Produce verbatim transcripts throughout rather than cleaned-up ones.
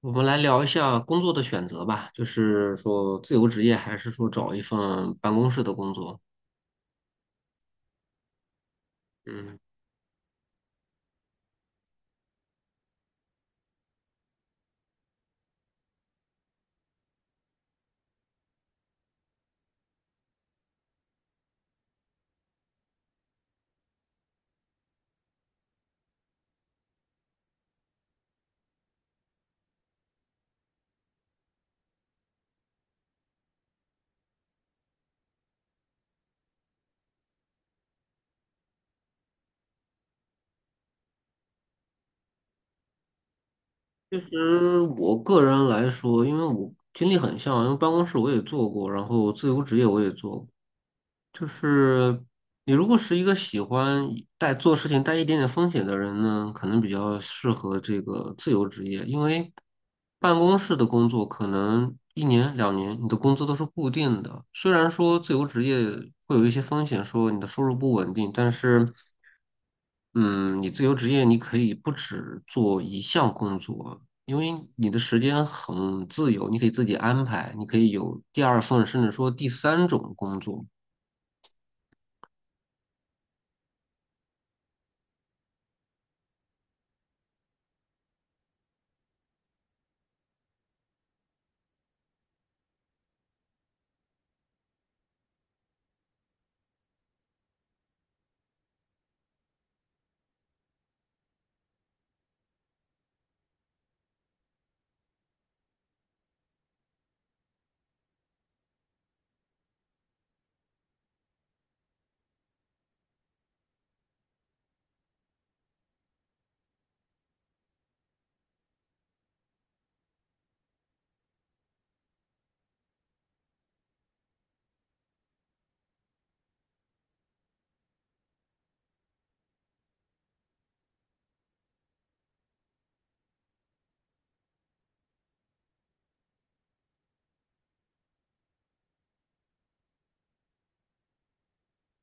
我们来聊一下工作的选择吧，就是说自由职业还是说找一份办公室的工作？嗯，其实我个人来说，因为我经历很像，因为办公室我也做过，然后自由职业我也做过。就是你如果是一个喜欢带做事情带一点点风险的人呢，可能比较适合这个自由职业，因为办公室的工作可能一年两年你的工资都是固定的，虽然说自由职业会有一些风险，说你的收入不稳定，但是。嗯，你自由职业，你可以不只做一项工作，因为你的时间很自由，你可以自己安排，你可以有第二份，甚至说第三种工作。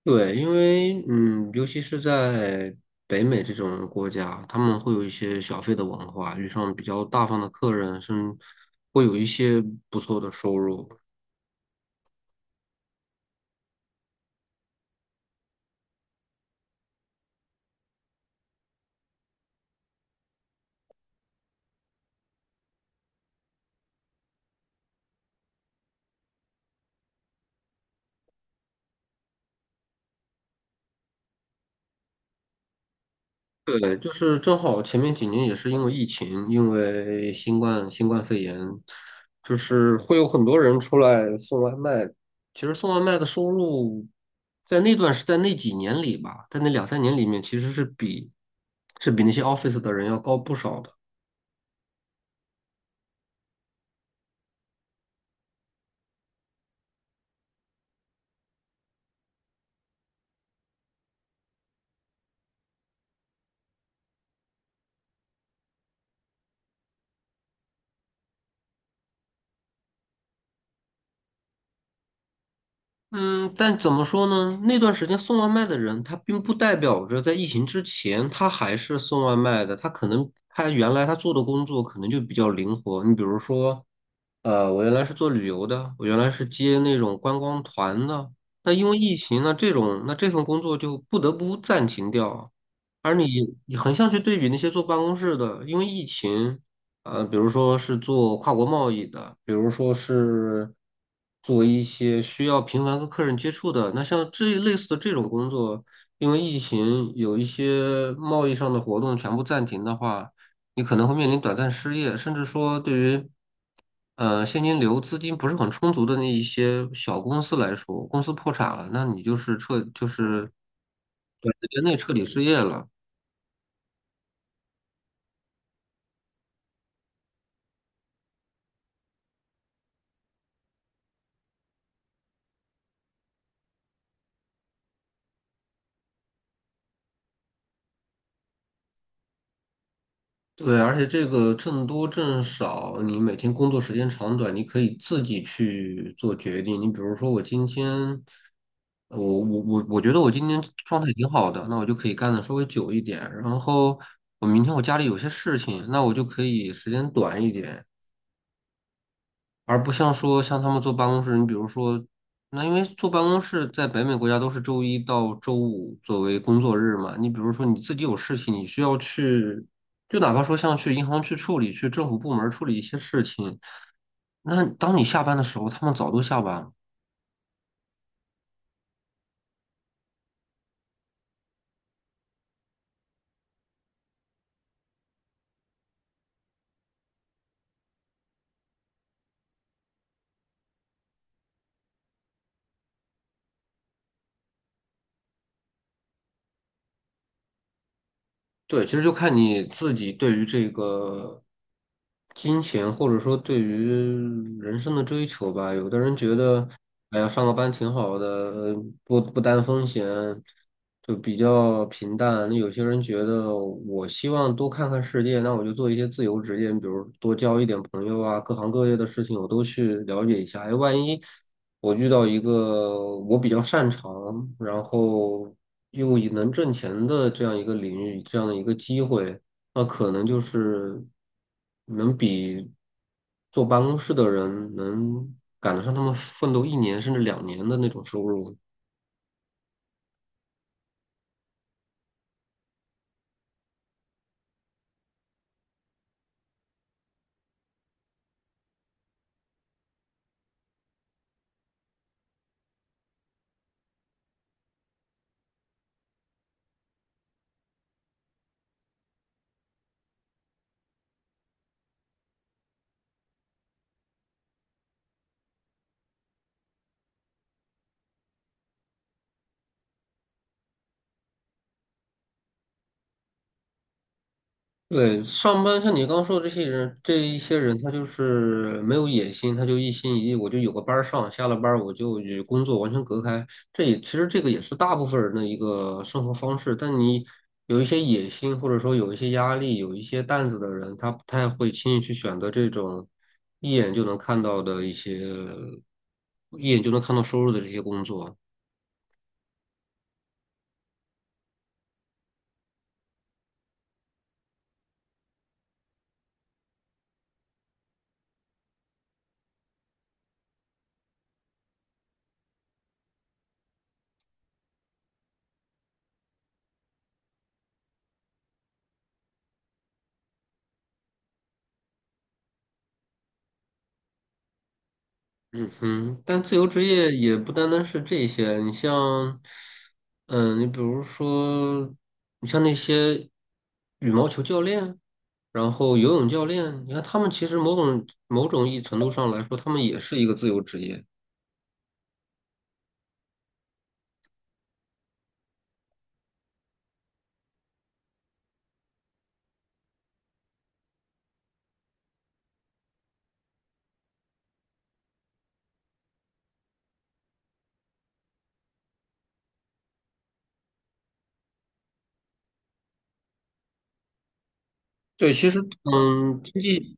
对，因为嗯，尤其是在北美这种国家，他们会有一些小费的文化，遇上比较大方的客人，甚至会有一些不错的收入。对，就是正好前面几年也是因为疫情，因为新冠新冠肺炎，就是会有很多人出来送外卖。其实送外卖的收入，在那段是在那几年里吧，在那两三年里面，其实是比是比那些 office 的人要高不少的。嗯，但怎么说呢？那段时间送外卖的人，他并不代表着在疫情之前他还是送外卖的，他可能他原来他做的工作可能就比较灵活。你比如说。呃，我原来是做旅游的，我原来是接那种观光团的。那因为疫情那这种那这份工作就不得不暂停掉。而你你横向去对比那些做办公室的，因为疫情，呃，比如说是做跨国贸易的，比如说是做一些需要频繁跟客人接触的，那像这一类似的这种工作，因为疫情有一些贸易上的活动全部暂停的话。你可能会面临短暂失业，甚至说对于呃，现金流资金不是很充足的那一些小公司来说，公司破产了，那你就是彻就是短时间内彻底失业了。对，而且这个挣多挣少，你每天工作时间长短，你可以自己去做决定。你比如说，我今天，我我我我觉得我今天状态挺好的，那我就可以干的稍微久一点。然后我明天我家里有些事情，那我就可以时间短一点。而不像说像他们坐办公室，你比如说，那因为坐办公室在北美国家都是周一到周五作为工作日嘛，你比如说你自己有事情，你需要去，就哪怕说像去银行去处理，去政府部门处理一些事情，那当你下班的时候，他们早都下班了。对，其实就看你自己对于这个金钱，或者说对于人生的追求吧。有的人觉得，哎呀，上个班挺好的，呃不不担风险，就比较平淡。那有些人觉得，我希望多看看世界，那我就做一些自由职业，比如多交一点朋友啊，各行各业的事情我都去了解一下。哎，万一我遇到一个我比较擅长，然后又以能挣钱的这样一个领域，这样的一个机会，那可能就是能比坐办公室的人能赶得上他们奋斗一年甚至两年的那种收入。对，上班像你刚说的这些人，这一些人他就是没有野心，他就一心一意，我就有个班儿上，下了班儿我就与工作完全隔开。这也其实这个也是大部分人的一个生活方式。但你有一些野心，或者说有一些压力，有一些担子的人，他不太会轻易去选择这种一眼就能看到的一些，一眼就能看到收入的这些工作。嗯哼，但自由职业也不单单是这些，你像，嗯，你比如说，你像那些羽毛球教练，然后游泳教练，你看他们其实某种某种意义程度上来说，他们也是一个自由职业。对，其实，嗯，经济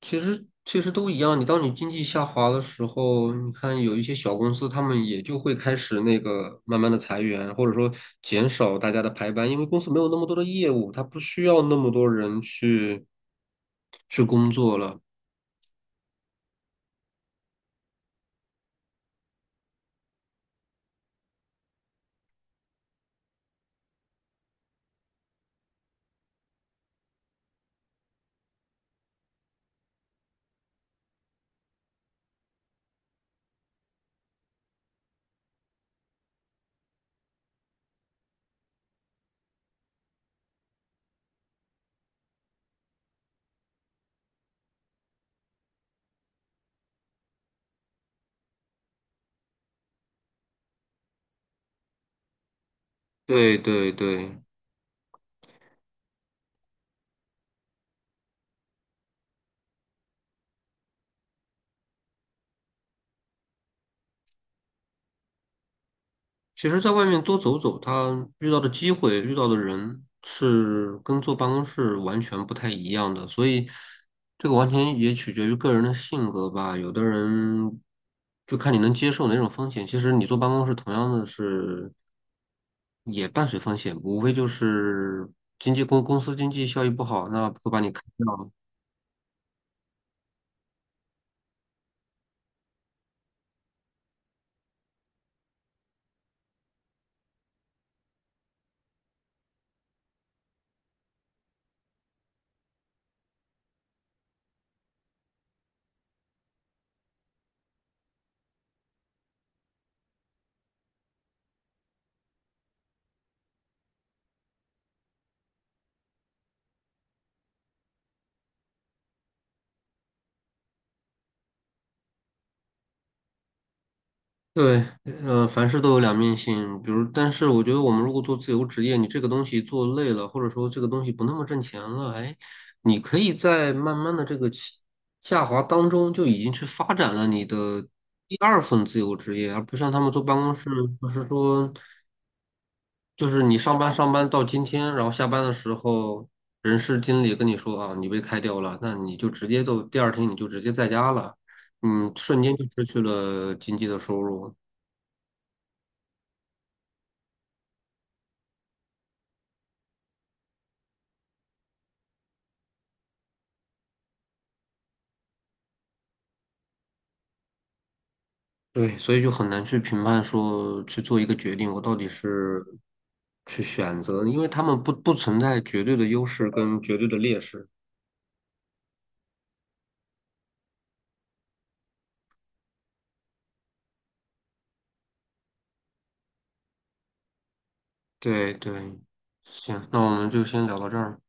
其实其实都一样，你当你经济下滑的时候，你看有一些小公司，他们也就会开始那个慢慢的裁员，或者说减少大家的排班，因为公司没有那么多的业务，他不需要那么多人去去工作了。对对对，其实，在外面多走走，他遇到的机会、遇到的人是跟坐办公室完全不太一样的，所以这个完全也取决于个人的性格吧。有的人就看你能接受哪种风险。其实你坐办公室同样的是也伴随风险，无非就是经济公公司经济效益不好，那会把你开掉；对，呃，凡事都有两面性。比如，但是我觉得我们如果做自由职业，你这个东西做累了，或者说这个东西不那么挣钱了，哎，你可以在慢慢的这个起下滑当中就已经去发展了你的第二份自由职业，而不像他们坐办公室，就是说，就是你上班上班到今天，然后下班的时候，人事经理跟你说啊，你被开掉了，那你就直接都第二天你就直接在家了，嗯，瞬间就失去了经济的收入。对，所以就很难去评判说去做一个决定，我到底是去选择，因为他们不不存在绝对的优势跟绝对的劣势。对对，行，那我们就先聊到这儿。